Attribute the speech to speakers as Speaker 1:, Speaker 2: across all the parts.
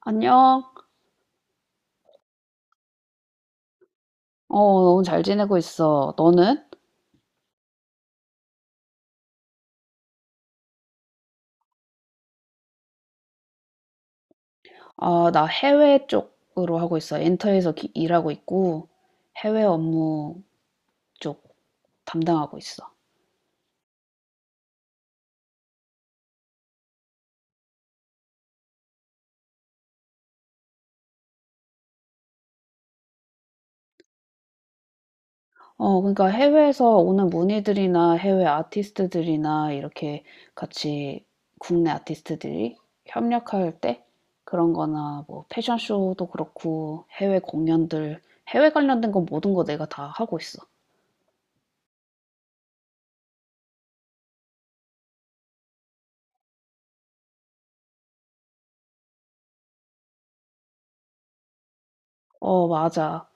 Speaker 1: 안녕. 너무 잘 지내고 있어. 너는? 아, 나 해외 쪽으로 하고 있어. 엔터에서 일하고 있고, 해외 업무 쪽 담당하고 있어. 그러니까 해외에서 오는 문의들이나 해외 아티스트들이나 이렇게 같이 국내 아티스트들이 협력할 때 그런 거나 뭐 패션쇼도 그렇고 해외 공연들, 해외 관련된 건 모든 거 내가 다 하고 있어. 어, 맞아.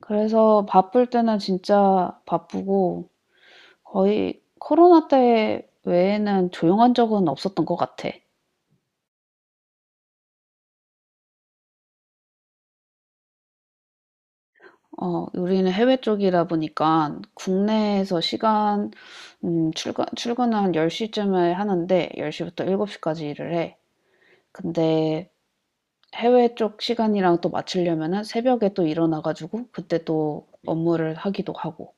Speaker 1: 그래서 바쁠 때는 진짜 바쁘고 거의 코로나 때 외에는 조용한 적은 없었던 것 같아. 우리는 해외 쪽이다 보니까 국내에서 시간, 출근을 한 10시쯤에 하는데 10시부터 7시까지 일을 해. 근데 해외 쪽 시간이랑 또 맞추려면은 새벽에 또 일어나가지고 그때 또 업무를 하기도 하고.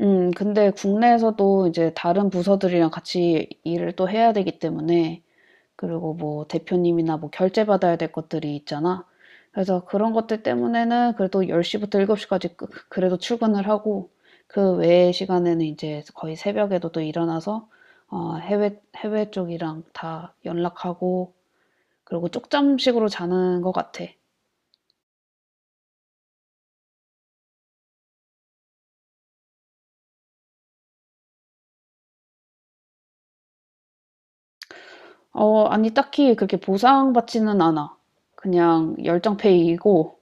Speaker 1: 근데 국내에서도 이제 다른 부서들이랑 같이 일을 또 해야 되기 때문에, 그리고 뭐 대표님이나 뭐 결제 받아야 될 것들이 있잖아. 그래서 그런 것들 때문에는 그래도 10시부터 7시까지 그래도 출근을 하고 그 외의 시간에는 이제 거의 새벽에도 또 일어나서 어 해외 쪽이랑 다 연락하고, 그리고 쪽잠식으로 자는 것 같아. 어 아니 딱히 그렇게 보상받지는 않아. 그냥 열정 페이이고.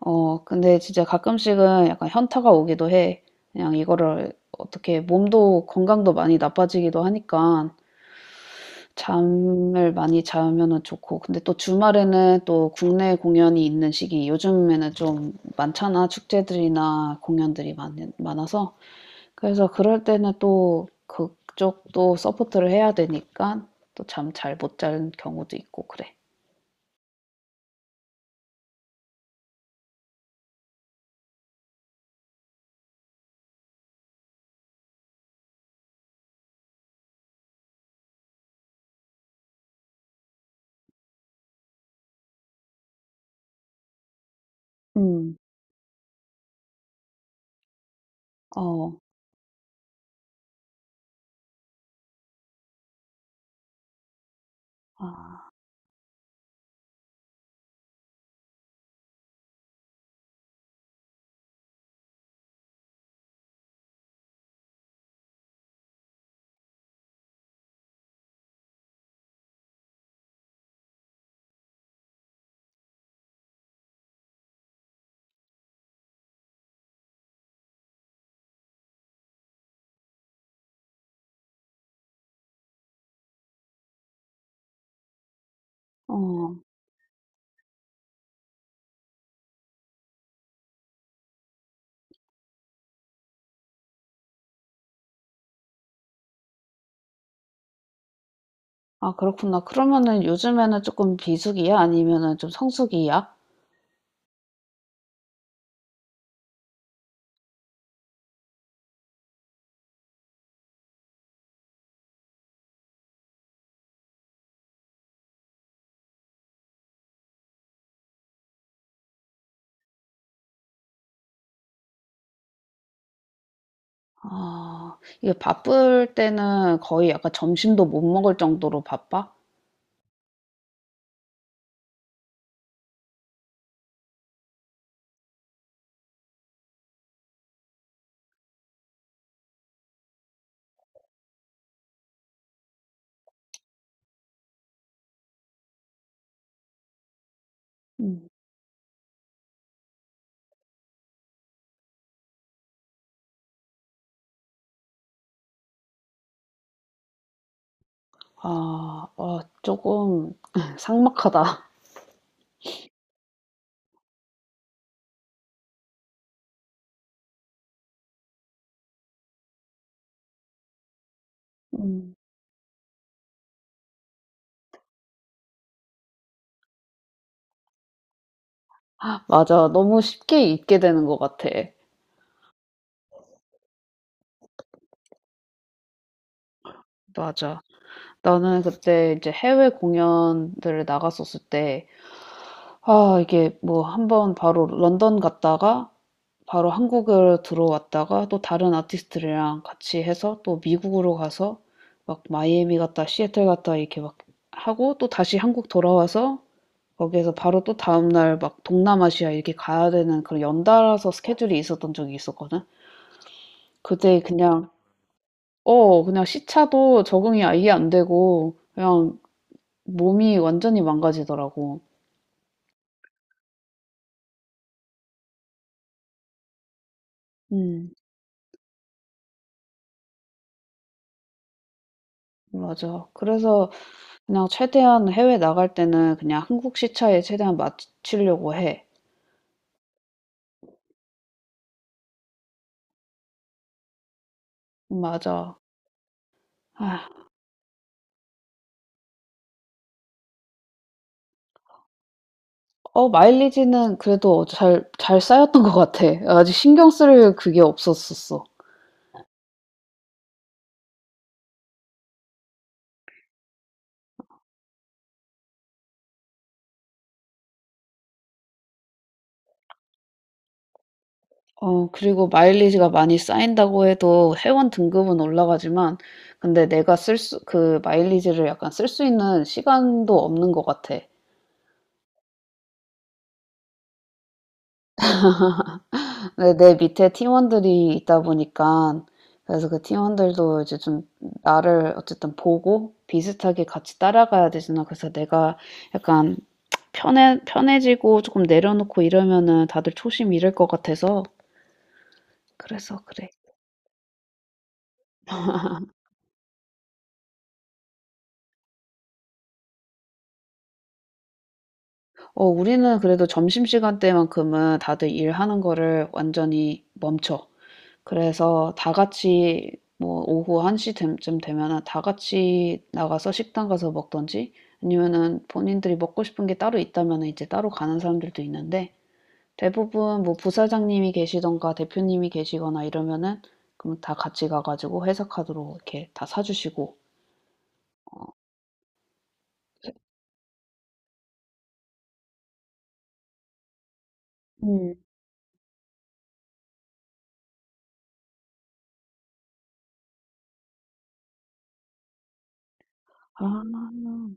Speaker 1: 어 근데 진짜 가끔씩은 약간 현타가 오기도 해. 그냥 이거를 어떻게 몸도 건강도 많이 나빠지기도 하니까 잠을 많이 자면은 좋고, 근데 또 주말에는 또 국내 공연이 있는 시기 요즘에는 좀 많잖아. 축제들이나 공연들이 많아서 그래서 그럴 때는 또 그쪽도 서포트를 해야 되니까 또 잠 잘 못 자는 경우도 있고 그래. 음. 어. 아. 어. 아 그렇구나. 그러면은 요즘에는 조금 비수기야? 아니면은 좀 성수기야? 아 이게 바쁠 때는 거의 약간 점심도 못 먹을 정도로 바빠? 음. 아. 아 조금 삭막하다. 음. 맞아. 너무 쉽게 잊게 되는 것 같아. 맞아. 나는 그때 이제 해외 공연들을 나갔었을 때 아 이게 뭐 한번 바로 런던 갔다가 바로 한국으로 들어왔다가 또 다른 아티스트들이랑 같이 해서 또 미국으로 가서 막 마이애미 갔다 시애틀 갔다 이렇게 막 하고 또 다시 한국 돌아와서 거기에서 바로 또 다음날 막 동남아시아 이렇게 가야 되는 그런 연달아서 스케줄이 있었던 적이 있었거든. 그때 그냥, 어, 그냥 시차도 적응이 아예 안 되고 그냥 몸이 완전히 망가지더라고. 음, 맞아. 그래서 그냥 최대한 해외 나갈 때는 그냥 한국 시차에 최대한 맞추려고 해. 맞아. 아 어 마일리지는 그래도 잘 쌓였던 것 같아. 아직 신경 쓸 그게 없었었어. 어 그리고 마일리지가 많이 쌓인다고 해도 회원 등급은 올라가지만 근데 내가 쓸 수 그 마일리지를 약간 쓸 수 있는 시간도 없는 것 같아. 근데 내 밑에 팀원들이 있다 보니까 그래서 그 팀원들도 이제 좀 나를 어쨌든 보고 비슷하게 같이 따라가야 되잖아. 그래서 내가 약간 편해지고 조금 내려놓고 이러면은 다들 초심 잃을 것 같아서. 그래서 그래. 어, 우리는 그래도 점심시간 때만큼은 다들 일하는 거를 완전히 멈춰. 그래서 다 같이 뭐 오후 1시쯤 되면은 다 같이 나가서 식당 가서 먹던지 아니면은 본인들이 먹고 싶은 게 따로 있다면 은 이제 따로 가는 사람들도 있는데 대부분 뭐 부사장님이 계시던가 대표님이 계시거나 이러면은 그럼 다 같이 가가지고 회사 카드로 이렇게 다 사주시고. 음. 아.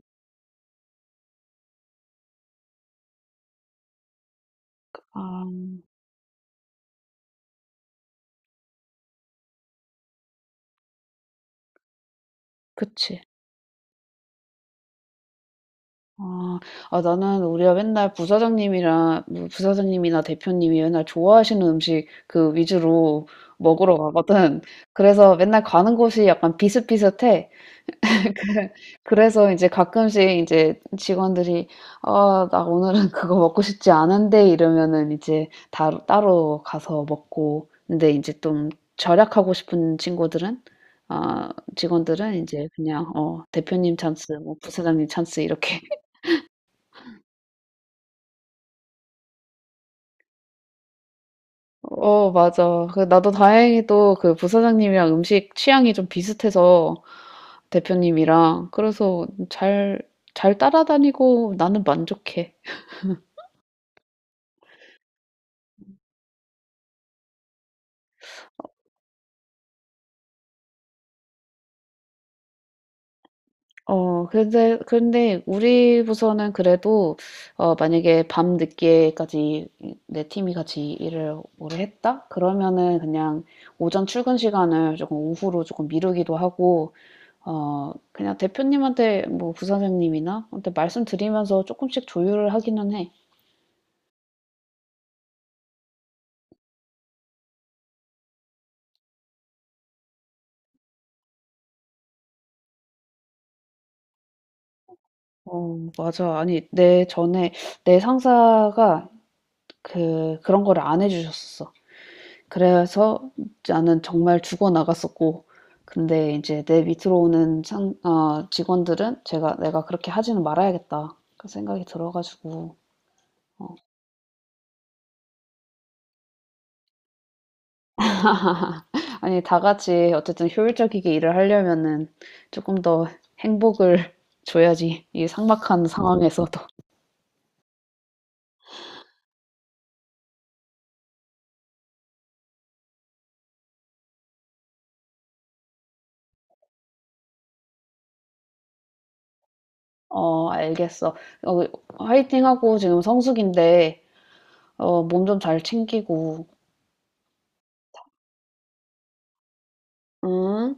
Speaker 1: 아. 그치. 아. 아 나는 우리가 맨날 부사장님이랑 뭐 부사장님이나 대표님이 맨날 좋아하시는 음식 그 위주로 먹으러 가거든. 그래서 맨날 가는 곳이 약간 비슷비슷해. 그래- 그래서 이제 가끔씩 이제 직원들이 아, 나 오늘은 그거 먹고 싶지 않은데 이러면은 이제 따로 가서 먹고, 근데 이제 좀 절약하고 싶은 친구들은 아, 직원들은 이제 그냥 어, 대표님 찬스, 뭐 부사장님 찬스 이렇게 어, 맞아. 그 나도 다행히도 그 부사장님이랑 음식 취향이 좀 비슷해서 대표님이랑 그래서 잘, 잘 따라다니고 나는 만족해. 근데 우리 부서는 그래도, 어, 만약에 밤 늦게까지 내 팀이 같이 일을 오래 했다? 그러면은 그냥 오전 출근 시간을 조금 오후로 조금 미루기도 하고, 어, 그냥 대표님한테 뭐 부사장님이나 한테 말씀드리면서 조금씩 조율을 하기는 해. 어, 맞아. 아니, 내 전에, 내 상사가 그런 거를 안 해주셨었어. 그래서 나는 정말 죽어 나갔었고 근데 이제 내 밑으로 오는 직원들은 제가 '내가 그렇게 하지는 말아야겠다.' 그 생각이 들어 가지고 어 아니 다 같이 어쨌든 효율적이게 일을 하려면은 조금 더 행복을 줘야지 이 삭막한 상황에서도. 어 알겠어. 어 화이팅하고 지금 성수기인데 어 몸 좀 잘 챙기고. 응